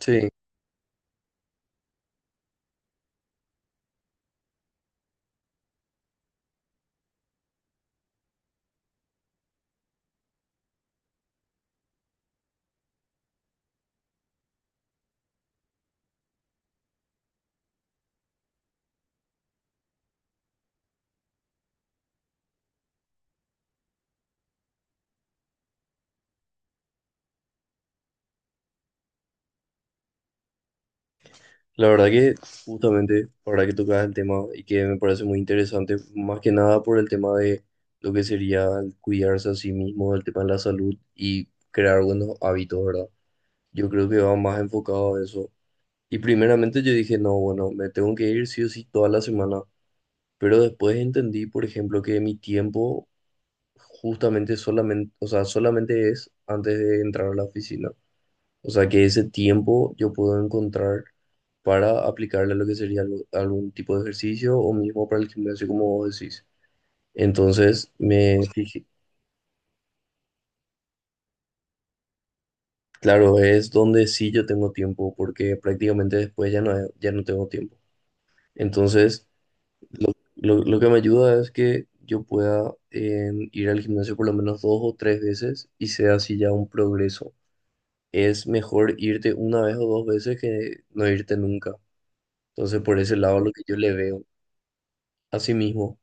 Sí, la verdad que justamente ahora que tocas el tema y que me parece muy interesante, más que nada por el tema de lo que sería el cuidarse a sí mismo, el tema de la salud y crear buenos hábitos, ¿verdad? Yo creo que va más enfocado a eso. Y primeramente yo dije, no, bueno, me tengo que ir sí o sí toda la semana, pero después entendí, por ejemplo, que mi tiempo justamente solamente, o sea, solamente es antes de entrar a la oficina. O sea que ese tiempo yo puedo encontrar para aplicarle lo que sería algún tipo de ejercicio o mismo para el gimnasio, como vos decís. Entonces, me fijé, claro, es donde sí yo tengo tiempo, porque prácticamente después ya no, ya no tengo tiempo. Entonces, lo que me ayuda es que yo pueda ir al gimnasio por lo menos dos o tres veces y sea así ya un progreso. Es mejor irte una vez o dos veces que no irte nunca. Entonces, por ese lado, lo que yo le veo. Así mismo.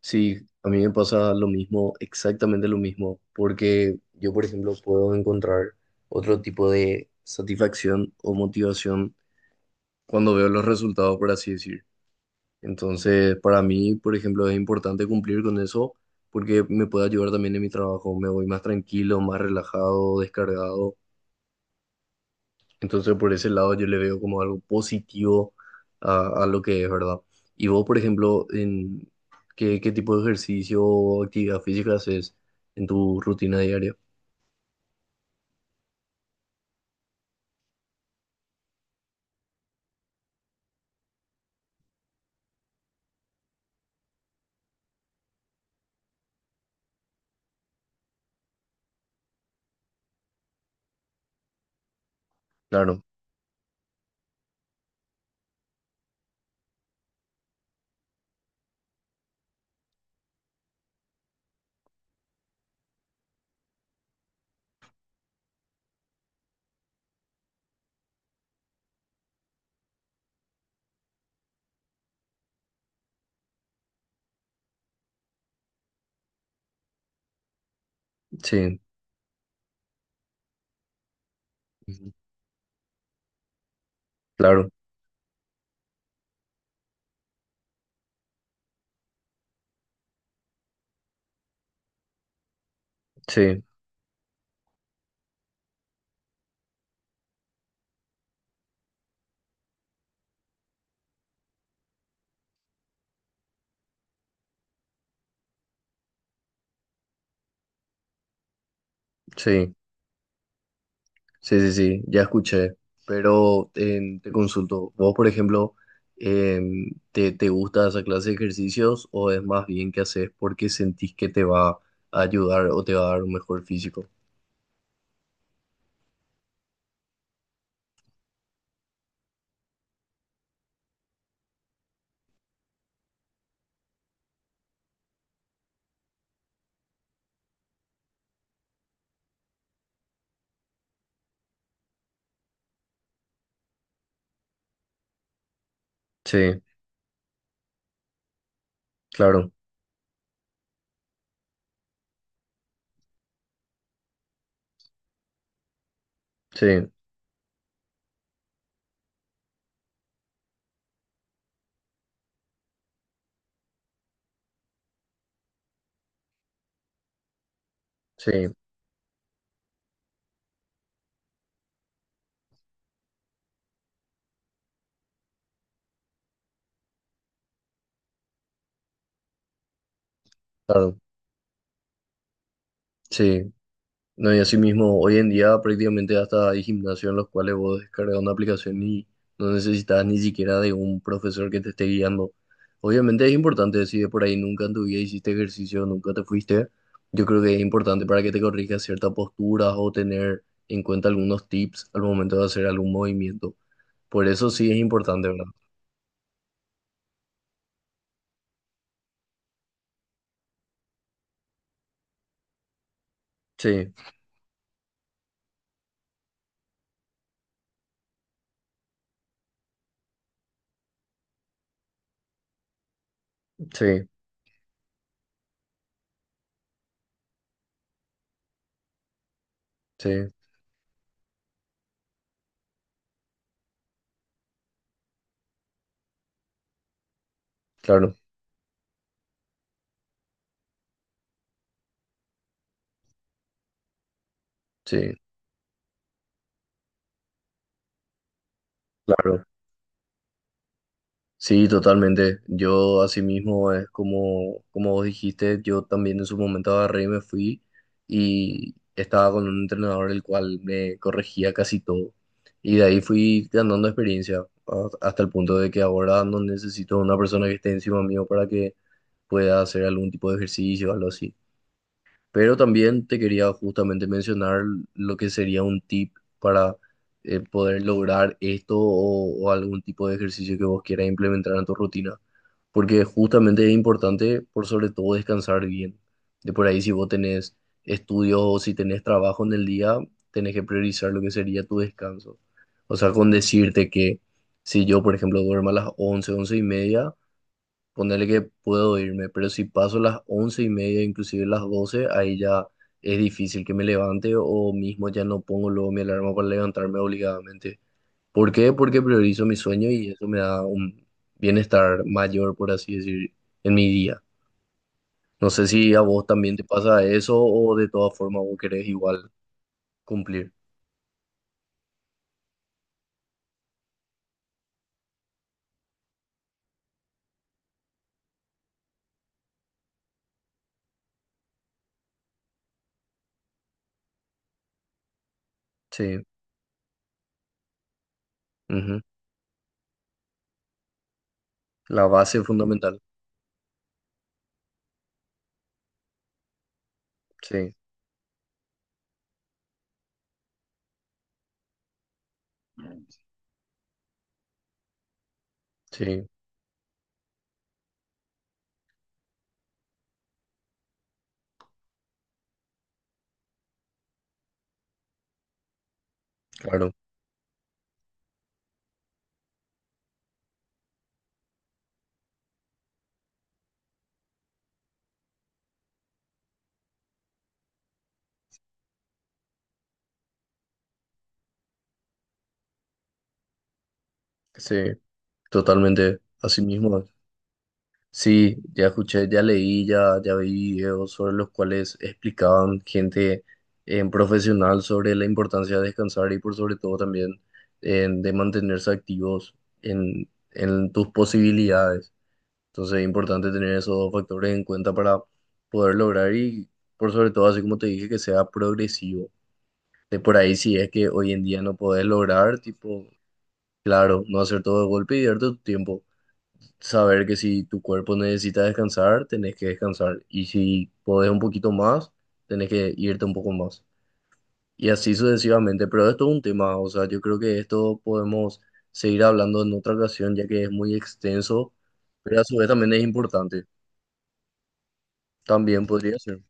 Sí, a mí me pasa lo mismo, exactamente lo mismo, porque yo, por ejemplo, puedo encontrar otro tipo de satisfacción o motivación cuando veo los resultados, por así decir. Entonces, para mí, por ejemplo, es importante cumplir con eso porque me puede ayudar también en mi trabajo. Me voy más tranquilo, más relajado, descargado. Entonces, por ese lado yo le veo como algo positivo a lo que es, ¿verdad? Y vos, por ejemplo, en ¿qué tipo de ejercicio o actividad física haces en tu rutina diaria? Claro, sí. Ujú. Claro, sí, sí, sí, ya escuché. Pero te consulto, vos, por ejemplo, ¿te gusta esa clase de ejercicios o es más bien que haces porque sentís que te va a ayudar o te va a dar un mejor físico? Sí, claro, sí. Sí, claro, sí. No, y así mismo, hoy en día prácticamente hasta hay gimnasios en los cuales vos descargas una aplicación y no necesitas ni siquiera de un profesor que te esté guiando. Obviamente es importante, si de por ahí nunca en tu vida hiciste ejercicio, nunca te fuiste, yo creo que es importante para que te corrijas ciertas posturas o tener en cuenta algunos tips al momento de hacer algún movimiento. Por eso sí es importante, ¿verdad? Sí, sí, sí, claro, sí, claro. Sí, totalmente. Yo asimismo es como, como vos dijiste, yo también en su momento agarré y me fui y estaba con un entrenador el cual me corregía casi todo. Y de ahí fui ganando experiencia hasta el punto de que ahora no necesito una persona que esté encima mío para que pueda hacer algún tipo de ejercicio o algo así. Pero también te quería justamente mencionar lo que sería un tip para poder lograr esto o algún tipo de ejercicio que vos quieras implementar en tu rutina. Porque justamente es importante, por sobre todo, descansar bien. De por ahí, si vos tenés estudios o si tenés trabajo en el día, tenés que priorizar lo que sería tu descanso. O sea, con decirte que si yo, por ejemplo, duermo a las 11:30, ponerle que puedo irme, pero si paso las 11:30, inclusive las 12, ahí ya es difícil que me levante o mismo ya no pongo luego mi alarma para levantarme obligadamente. ¿Por qué? Porque priorizo mi sueño y eso me da un bienestar mayor, por así decir, en mi día. No sé si a vos también te pasa eso o de todas formas vos querés igual cumplir. Sí, ujú. La base fundamental. Sí, sí, claro. Sí, totalmente. Así mismo. Sí, ya escuché, ya leí, ya vi videos sobre los cuales explicaban gente en profesional sobre la importancia de descansar y por sobre todo también de mantenerse activos en tus posibilidades. Entonces es importante tener esos dos factores en cuenta para poder lograr y por sobre todo, así como te dije, que sea progresivo. De por ahí si es que hoy en día no podés lograr, tipo, claro, no hacer todo de golpe y darte tu tiempo, saber que si tu cuerpo necesita descansar, tenés que descansar. Y si podés un poquito más, tenés que irte un poco más. Y así sucesivamente. Pero esto es un tema, o sea, yo creo que esto podemos seguir hablando en otra ocasión, ya que es muy extenso, pero a su vez también es importante. También podría ser.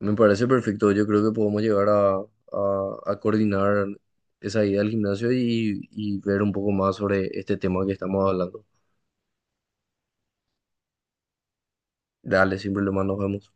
Me parece perfecto. Yo creo que podemos llegar a, a coordinar esa ida al gimnasio y ver un poco más sobre este tema que estamos hablando. Dale, sin problema, nos vemos.